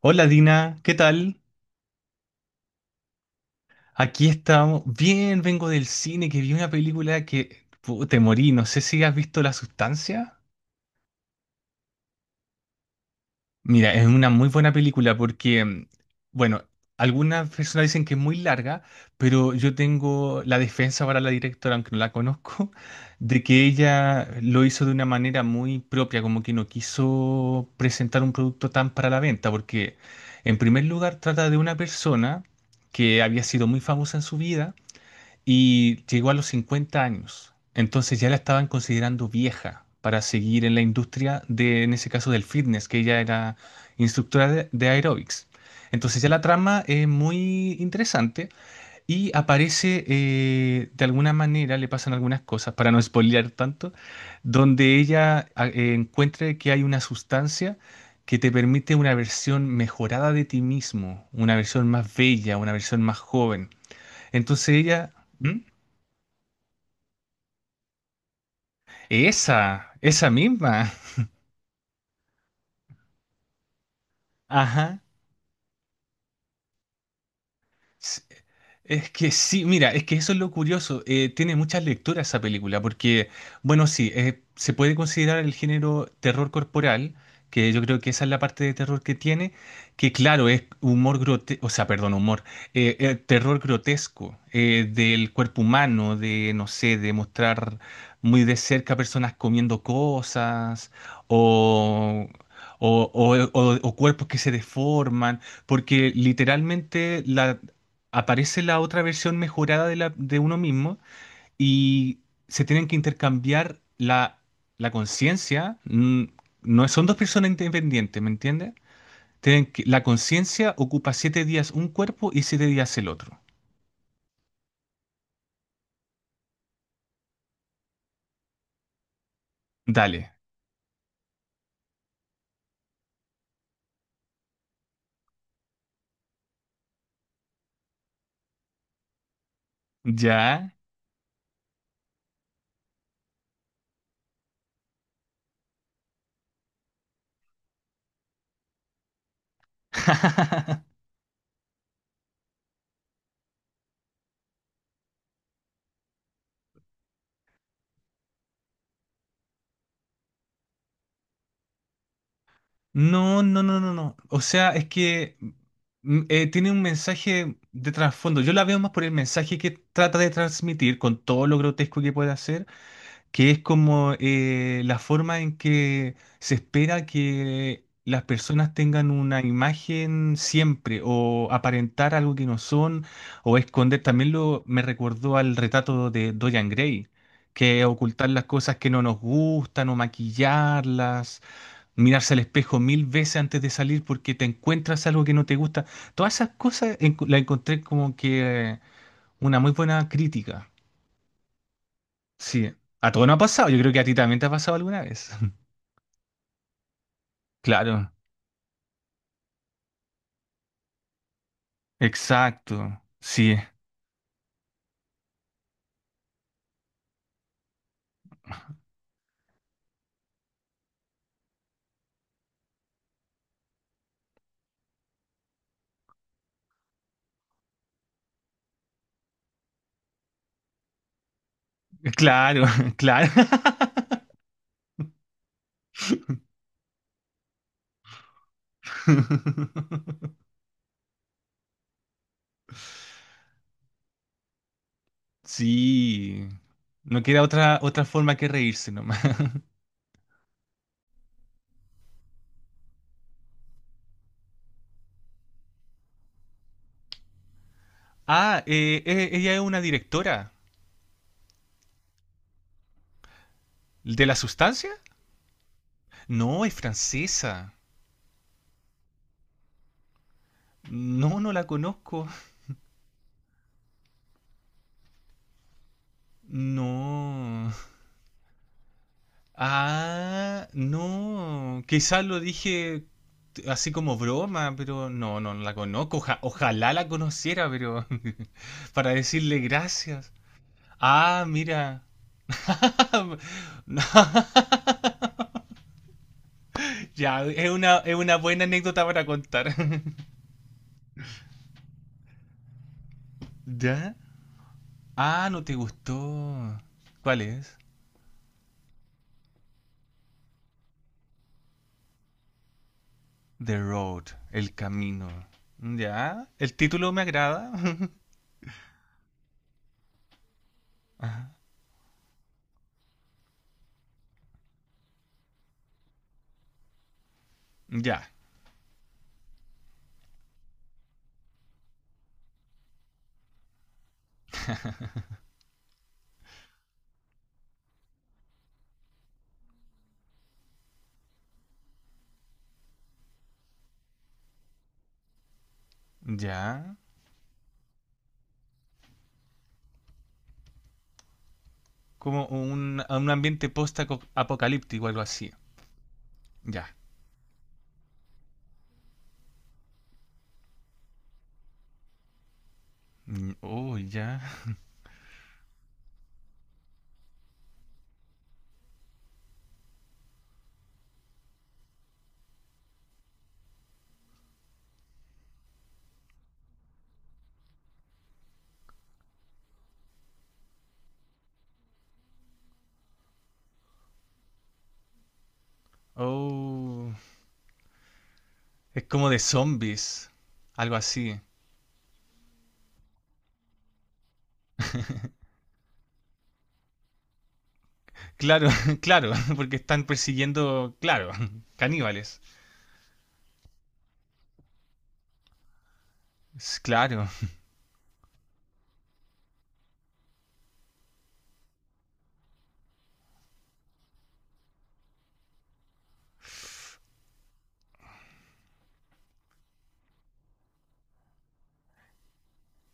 Hola Dina, ¿qué tal? Aquí estamos. Bien, vengo del cine que vi una película que te morí. No sé si has visto La Sustancia. Mira, es una muy buena película porque, bueno, algunas personas dicen que es muy larga, pero yo tengo la defensa para la directora, aunque no la conozco, de que ella lo hizo de una manera muy propia, como que no quiso presentar un producto tan para la venta, porque en primer lugar trata de una persona que había sido muy famosa en su vida y llegó a los 50 años. Entonces ya la estaban considerando vieja para seguir en la industria de, en ese caso, del fitness, que ella era instructora de aeróbics. Entonces ya la trama es muy interesante y aparece de alguna manera, le pasan algunas cosas, para no spoilear tanto, donde ella encuentre que hay una sustancia que te permite una versión mejorada de ti mismo, una versión más bella, una versión más joven. Entonces ella... ¿Mm? Esa misma. Ajá. S- Es que sí, mira, es que eso es lo curioso. Tiene muchas lecturas esa película, porque, bueno, sí, se puede considerar el género terror corporal, que yo creo que esa es la parte de terror que tiene, que claro, es humor grotesco, o sea, perdón, humor, terror grotesco del cuerpo humano, de, no sé, de mostrar muy de cerca personas comiendo cosas o, o cuerpos que se deforman. Porque literalmente aparece la otra versión mejorada de, de uno mismo y se tienen que intercambiar la conciencia. No son dos personas independientes, ¿me entiendes? La conciencia ocupa 7 días un cuerpo y 7 días el otro. Dale. ¿Ya? No, no, no, no, no. O sea, es que tiene un mensaje de trasfondo. Yo la veo más por el mensaje que trata de transmitir con todo lo grotesco que puede hacer que es como la forma en que se espera que las personas tengan una imagen siempre o aparentar algo que no son o esconder. También lo me recordó al retrato de Dorian Gray, que es ocultar las cosas que no nos gustan o maquillarlas, mirarse al espejo 1.000 veces antes de salir porque te encuentras algo que no te gusta. Todas esas cosas las encontré como que eh, una muy buena crítica. Sí, a todo no ha pasado. Yo creo que a ti también te ha pasado alguna vez. Claro, exacto. Sí, claro, claro. Sí, no queda otra forma que reírse nomás. Ah, ella es una directora. ¿De La Sustancia? No, es francesa. No, no la conozco. No. Ah, no. Quizás lo dije así como broma, pero no, no, no la conozco. Ojalá la conociera, pero para decirle gracias. Ah, mira. No, Ya, es es una buena anécdota para contar. ¿Ya? Ah, no te gustó. ¿Cuál es? The Road, el camino. ¿Ya? El título me agrada. Ajá. Ya, ya. Como un, a un ambiente post-apocalíptico, algo así. Ya. Mm, oh, ya. Oh. Es como de zombies, algo así. Claro, claro, porque están persiguiendo, claro, caníbales. Es claro.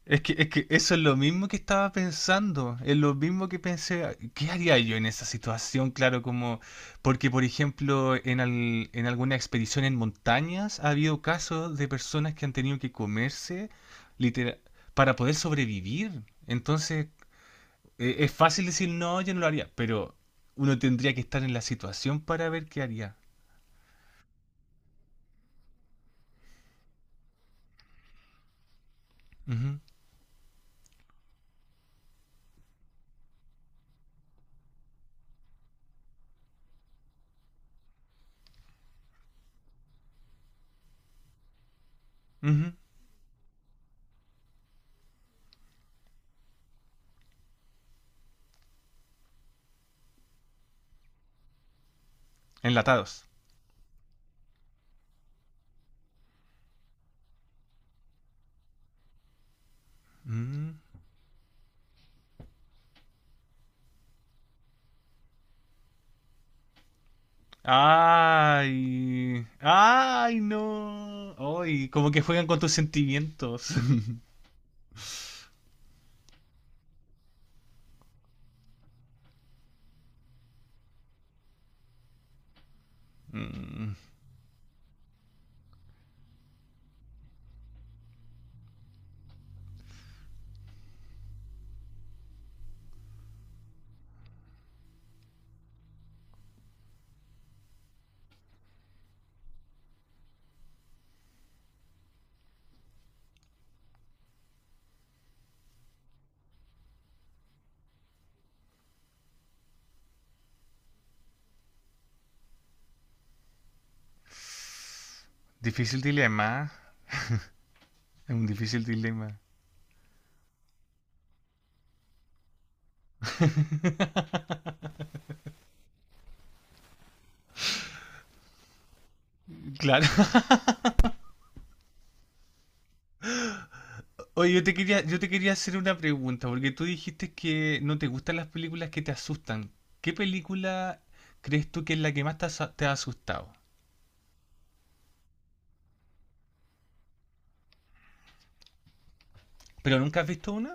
Es que eso es lo mismo que estaba pensando, es lo mismo que pensé, ¿qué haría yo en esa situación? Claro, como, porque por ejemplo, en alguna expedición en montañas ha habido casos de personas que han tenido que comerse literal para poder sobrevivir. Entonces, es fácil decir, no, yo no lo haría, pero uno tendría que estar en la situación para ver qué haría. Ujú, ujú. Enlatados. Ay, ay, no. Ay, como que juegan con tus sentimientos. Mm, difícil dilema. Es un difícil dilema. Claro. Oye, yo te quería hacer una pregunta, porque tú dijiste que no te gustan las películas que te asustan. ¿Qué película crees tú que es la que más te ha asustado? ¿Pero nunca has visto una?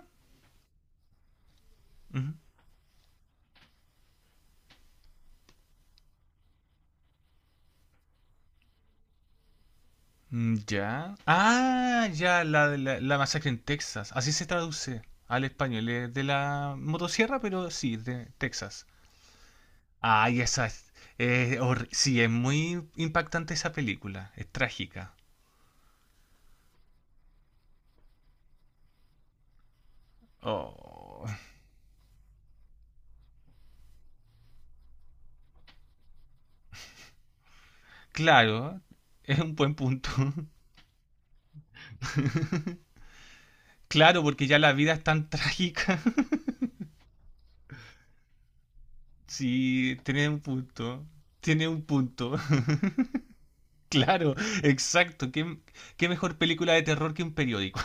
Mm, ya. Ah, ya, de la masacre en Texas. Así se traduce al español. Es de la motosierra, pero sí, de Texas. Ay, esa es. Es sí, es muy impactante esa película. Es trágica. Oh, claro, es un buen punto. Claro, porque ya la vida es tan trágica. Sí, tiene un punto. Tiene un punto. Claro, exacto. ¿Qué, qué mejor película de terror que un periódico?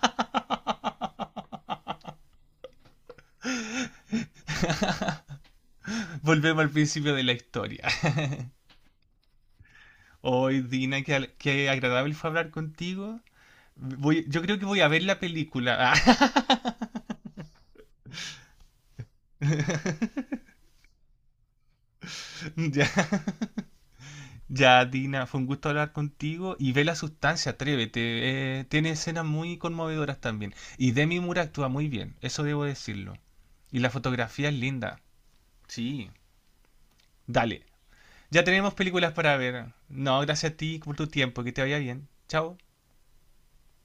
Volvemos al principio de la historia. Hoy, Dina, qué agradable fue hablar contigo. Yo creo que voy a ver la película. Ah, ya, ya, Dina, fue un gusto hablar contigo. Y ve la sustancia, atrévete. Tiene escenas muy conmovedoras también. Y Demi Moore actúa muy bien, eso debo decirlo. Y la fotografía es linda. Sí, dale. Ya tenemos películas para ver. No, gracias a ti por tu tiempo, que te vaya bien. Chao.